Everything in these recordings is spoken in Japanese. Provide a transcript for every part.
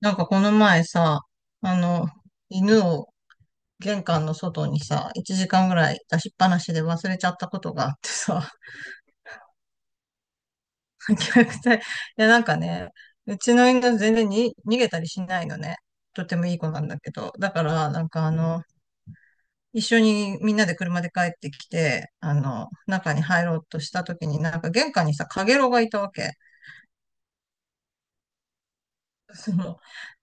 なんかこの前さ、あの、犬を玄関の外にさ、1時間ぐらい出しっぱなしで忘れちゃったことがあってさ、虐待。いや、なんかね、うちの犬全然に逃げたりしないのね。とてもいい子なんだけど。だから、なんか一緒にみんなで車で帰ってきて、中に入ろうとした時になんか玄関にさ、かげろうがいたわけ。その、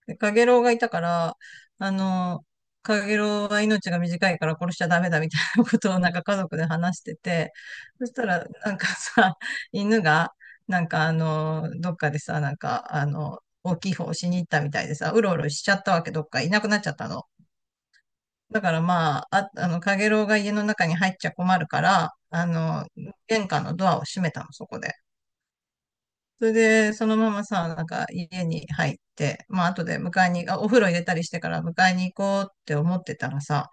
でカゲロウがいたから、あの、カゲロウは命が短いから殺しちゃダメだみたいなことをなんか家族で話してて、そしたらなんかさ、犬が、なんかどっかでさ、なんか大きい方をしに行ったみたいでさ、うろうろしちゃったわけ、どっかいなくなっちゃったの。だからまあ、カゲロウが家の中に入っちゃ困るから、玄関のドアを閉めたの、そこで。それで、そのままさ、なんか家に入って、まあ後で迎えに、お風呂入れたりしてから迎えに行こうって思ってたらさ、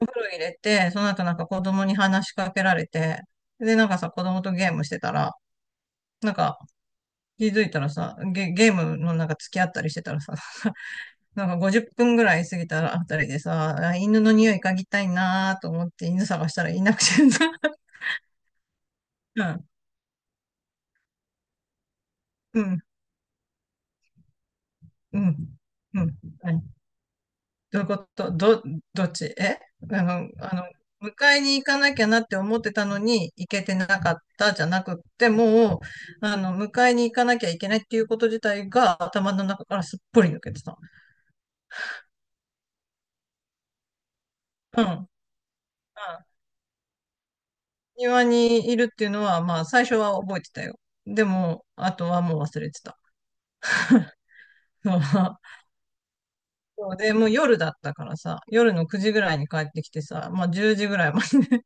お風呂入れて、その後なんか子供に話しかけられて、で、なんかさ、子供とゲームしてたら、なんか気づいたらさ、ゲームのなんか付き合ったりしてたらさ、なんか50分ぐらい過ぎたらあたりでさ、犬の匂い嗅ぎたいなーと思って犬探したらいなくてさ、うん、うん、うん、うん、はい。どういうことど、どっちえあの、あの、迎えに行かなきゃなって思ってたのに、行けてなかったじゃなくって、もう、迎えに行かなきゃいけないっていうこと自体が頭の中からすっぽり抜けてた。うん。うん。庭にいるっていうのは、まあ、最初は覚えてたよ。でも、あとはもう忘れてた。そうで、もう夜だったからさ、夜の9時ぐらいに帰ってきてさ、まあ10時ぐらいまで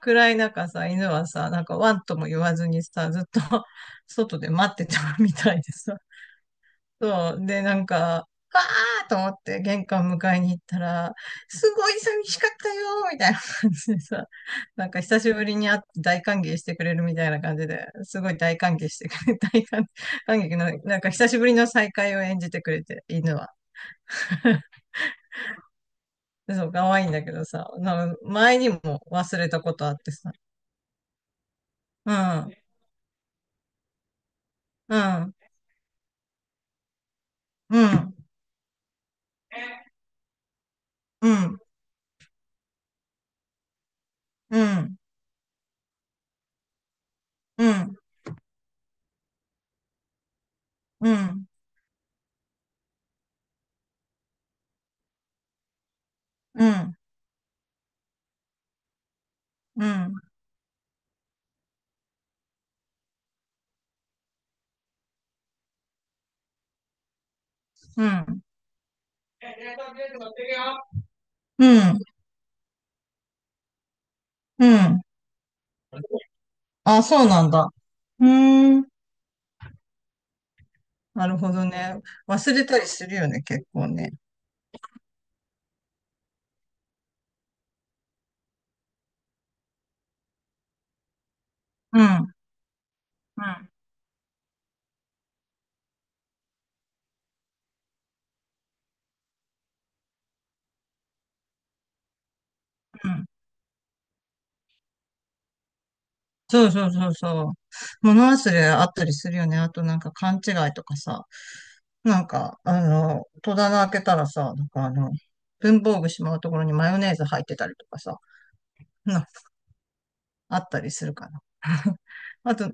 暗い中さ、犬はさ、なんかワンとも言わずにさ、ずっと 外で待ってたみたいでさ。そう。で、なんか、わーと思って玄関迎えに行ったら、すごい寂しかったよーみたいな感じでさ、なんか久しぶりに会って大歓迎してくれるみたいな感じで、すごい大歓迎してくれ、歓迎の、なんか久しぶりの再会を演じてくれて、犬は。でそう、可愛いんだけどさ、なんか前にも忘れたことあってさ、うん、うん、うん、うん。うん、うん、うん、うん、うん、うん、うん、うん。あ、そうなんだ。うーん。なるほどね。忘れたりするよね、結構ね。うん、うん、うん。そうそうそうそう。物忘れあったりするよね。あとなんか勘違いとかさ。なんか、戸棚開けたらさ、なんか文房具しまうところにマヨネーズ入ってたりとかさ、なんかあったりするかな。あと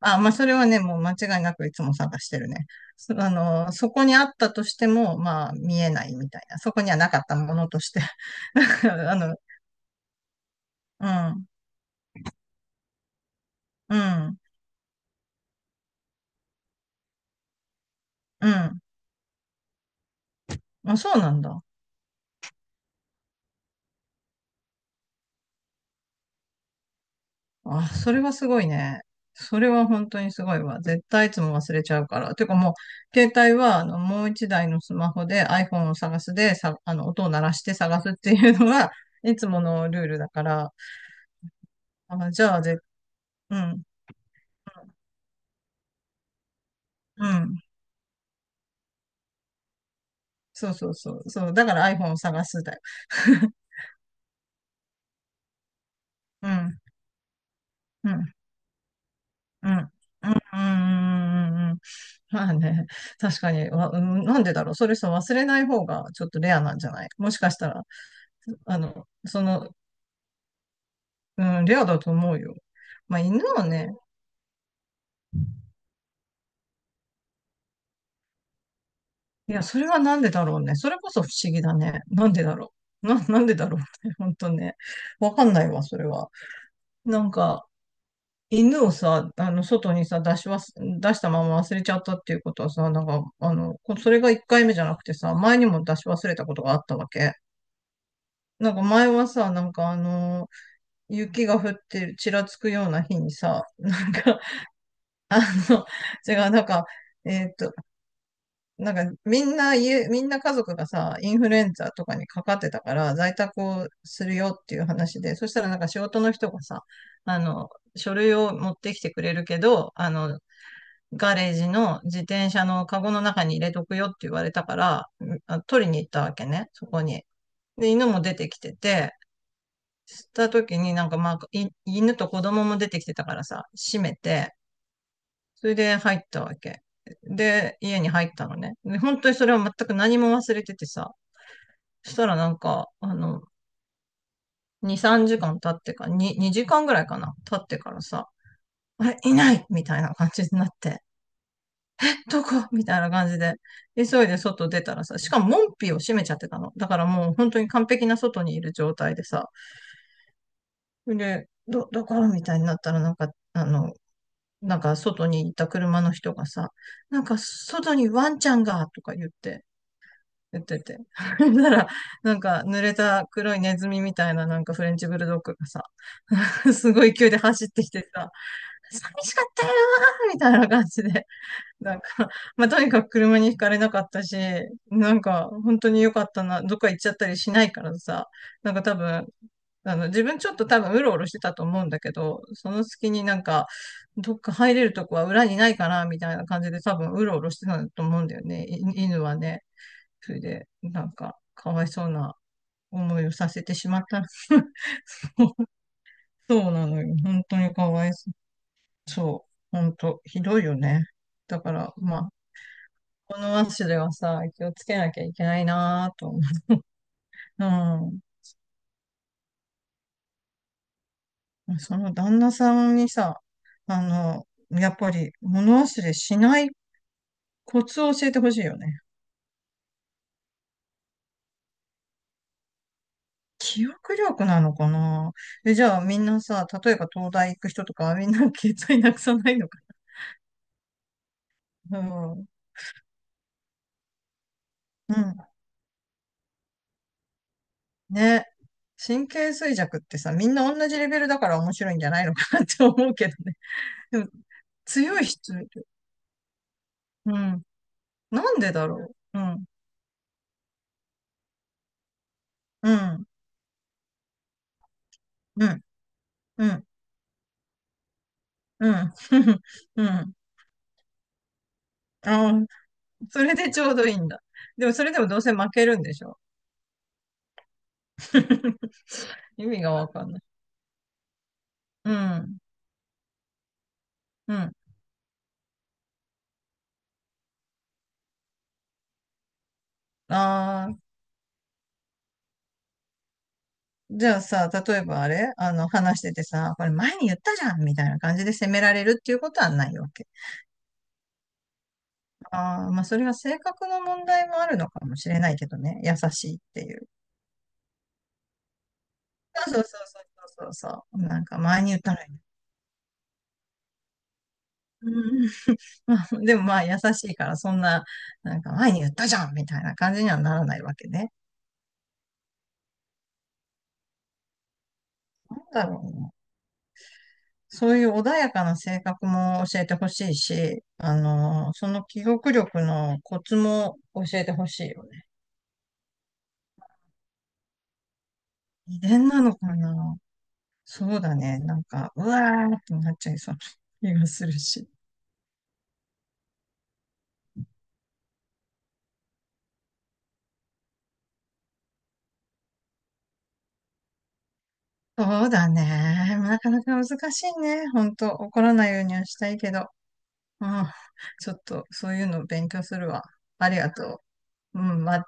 まあ、それはね、もう間違いなくいつも探してるね。そこにあったとしても、まあ、見えないみたいな。そこにはなかったものとして。なんかうん、うん、うん。あ、そうなんだ。あ、それはすごいね。それは本当にすごいわ。絶対いつも忘れちゃうから。てかもう、携帯は、もう一台のスマホで iPhone を探すで、さ、音を鳴らして探すっていうのが、いつものルールだから。あ、じゃあ、うん、うん。そうそうそう。そう。だから iPhone を探すだよ。うん。うん。うん。うん。うん。まあね。確かに。うん、なんでだろう。それさ忘れない方がちょっとレアなんじゃないもしかしたら、あの、その、うん、レアだと思うよ。まあ犬はね、いや、それはなんでだろうね。それこそ不思議だね。なんでだろう。なんでだろうね。本当ね。わかんないわ、それは。なんか、犬をさ、外にさ、出したまま忘れちゃったっていうことはさ、なんか、それが一回目じゃなくてさ、前にも出し忘れたことがあったわけ。なんか前はさ、なんか雪が降ってる、ちらつくような日にさ、なんか、あの、違う、なんか、えーっと、なんかみんな家族がさ、インフルエンザとかにかかってたから、在宅をするよっていう話で、そしたらなんか仕事の人がさ、あの、書類を持ってきてくれるけど、ガレージの自転車のカゴの中に入れとくよって言われたから、取りに行ったわけね、そこに。で、犬も出てきてて、した時になんかまあ、犬と子供も出てきてたからさ、閉めて、それで入ったわけ。で、家に入ったのね。で、本当にそれは全く何も忘れててさ、そしたらなんか、2、3時間経ってか、に2時間ぐらいかな、経ってからさ、あれ、いないみたいな感じになって。どこみたいな感じで、急いで外出たらさ、しかも門扉を閉めちゃってたの。だからもう本当に完璧な外にいる状態でさ、で、どこみたいになったらなんか、なんか外にいた車の人がさ、なんか外にワンちゃんがとか言って、てなら、なんか濡れた黒いネズミみたいななんかフレンチブルドッグがさ、すごい勢いで走ってきてさ、寂しかったよーみたいな感じでなんか、まあ、とにかく車にひかれなかったし、なんか、本当に良かったな、どっか行っちゃったりしないからさ、なんか多分、自分ちょっと多分うろうろしてたと思うんだけど、その隙になんか、どっか入れるとこは裏にないかな、みたいな感じで多分うろうろしてたと思うんだよね、犬はね。それで、なんか、かわいそうな思いをさせてしまった。そうなのよ。本当にかわいそう。そう。本当、ひどいよね。だから、まあ、このれではさ、気をつけなきゃいけないなぁと思う。うん。その旦那さんにさ、あの、やっぱり物忘れしないコツを教えてほしいよね。記憶力なのかな？じゃあみんなさ、例えば東大行く人とか、みんな携帯なくさないのかな？うん。うん。ね。神経衰弱ってさ、みんな同じレベルだから面白いんじゃないのかなって思うけどね。でも、強い人いる、うん。なんでだろう。うん。うん。うん。うん。うん。うん。ああ、それでちょうどいいんだ。でもそれでもどうせ負けるんでしょ？ 意味がわかんない。うん。うん。ああ、じゃあさ、例えばあれあの、話しててさ、これ前に言ったじゃんみたいな感じで責められるっていうことはないわけ。ああ、まあそれは性格の問題もあるのかもしれないけどね。優しいっていう。そうそうそうそうそうそう。なんか前に言ったらいい。うん。 でもまあ優しいからそんな、なんか前に言ったじゃんみたいな感じにはならないわけね。なんだろうな。そういう穏やかな性格も教えてほしいし、その記憶力のコツも教えてほしいよね。遺伝なのかな？そうだね。なんか、うわーってなっちゃいそうな気がするし。そうだね。なかなか難しいね。ほんと、怒らないようにはしたいけど。うん。ちょっと、そういうの勉強するわ。ありがとう。うん、ま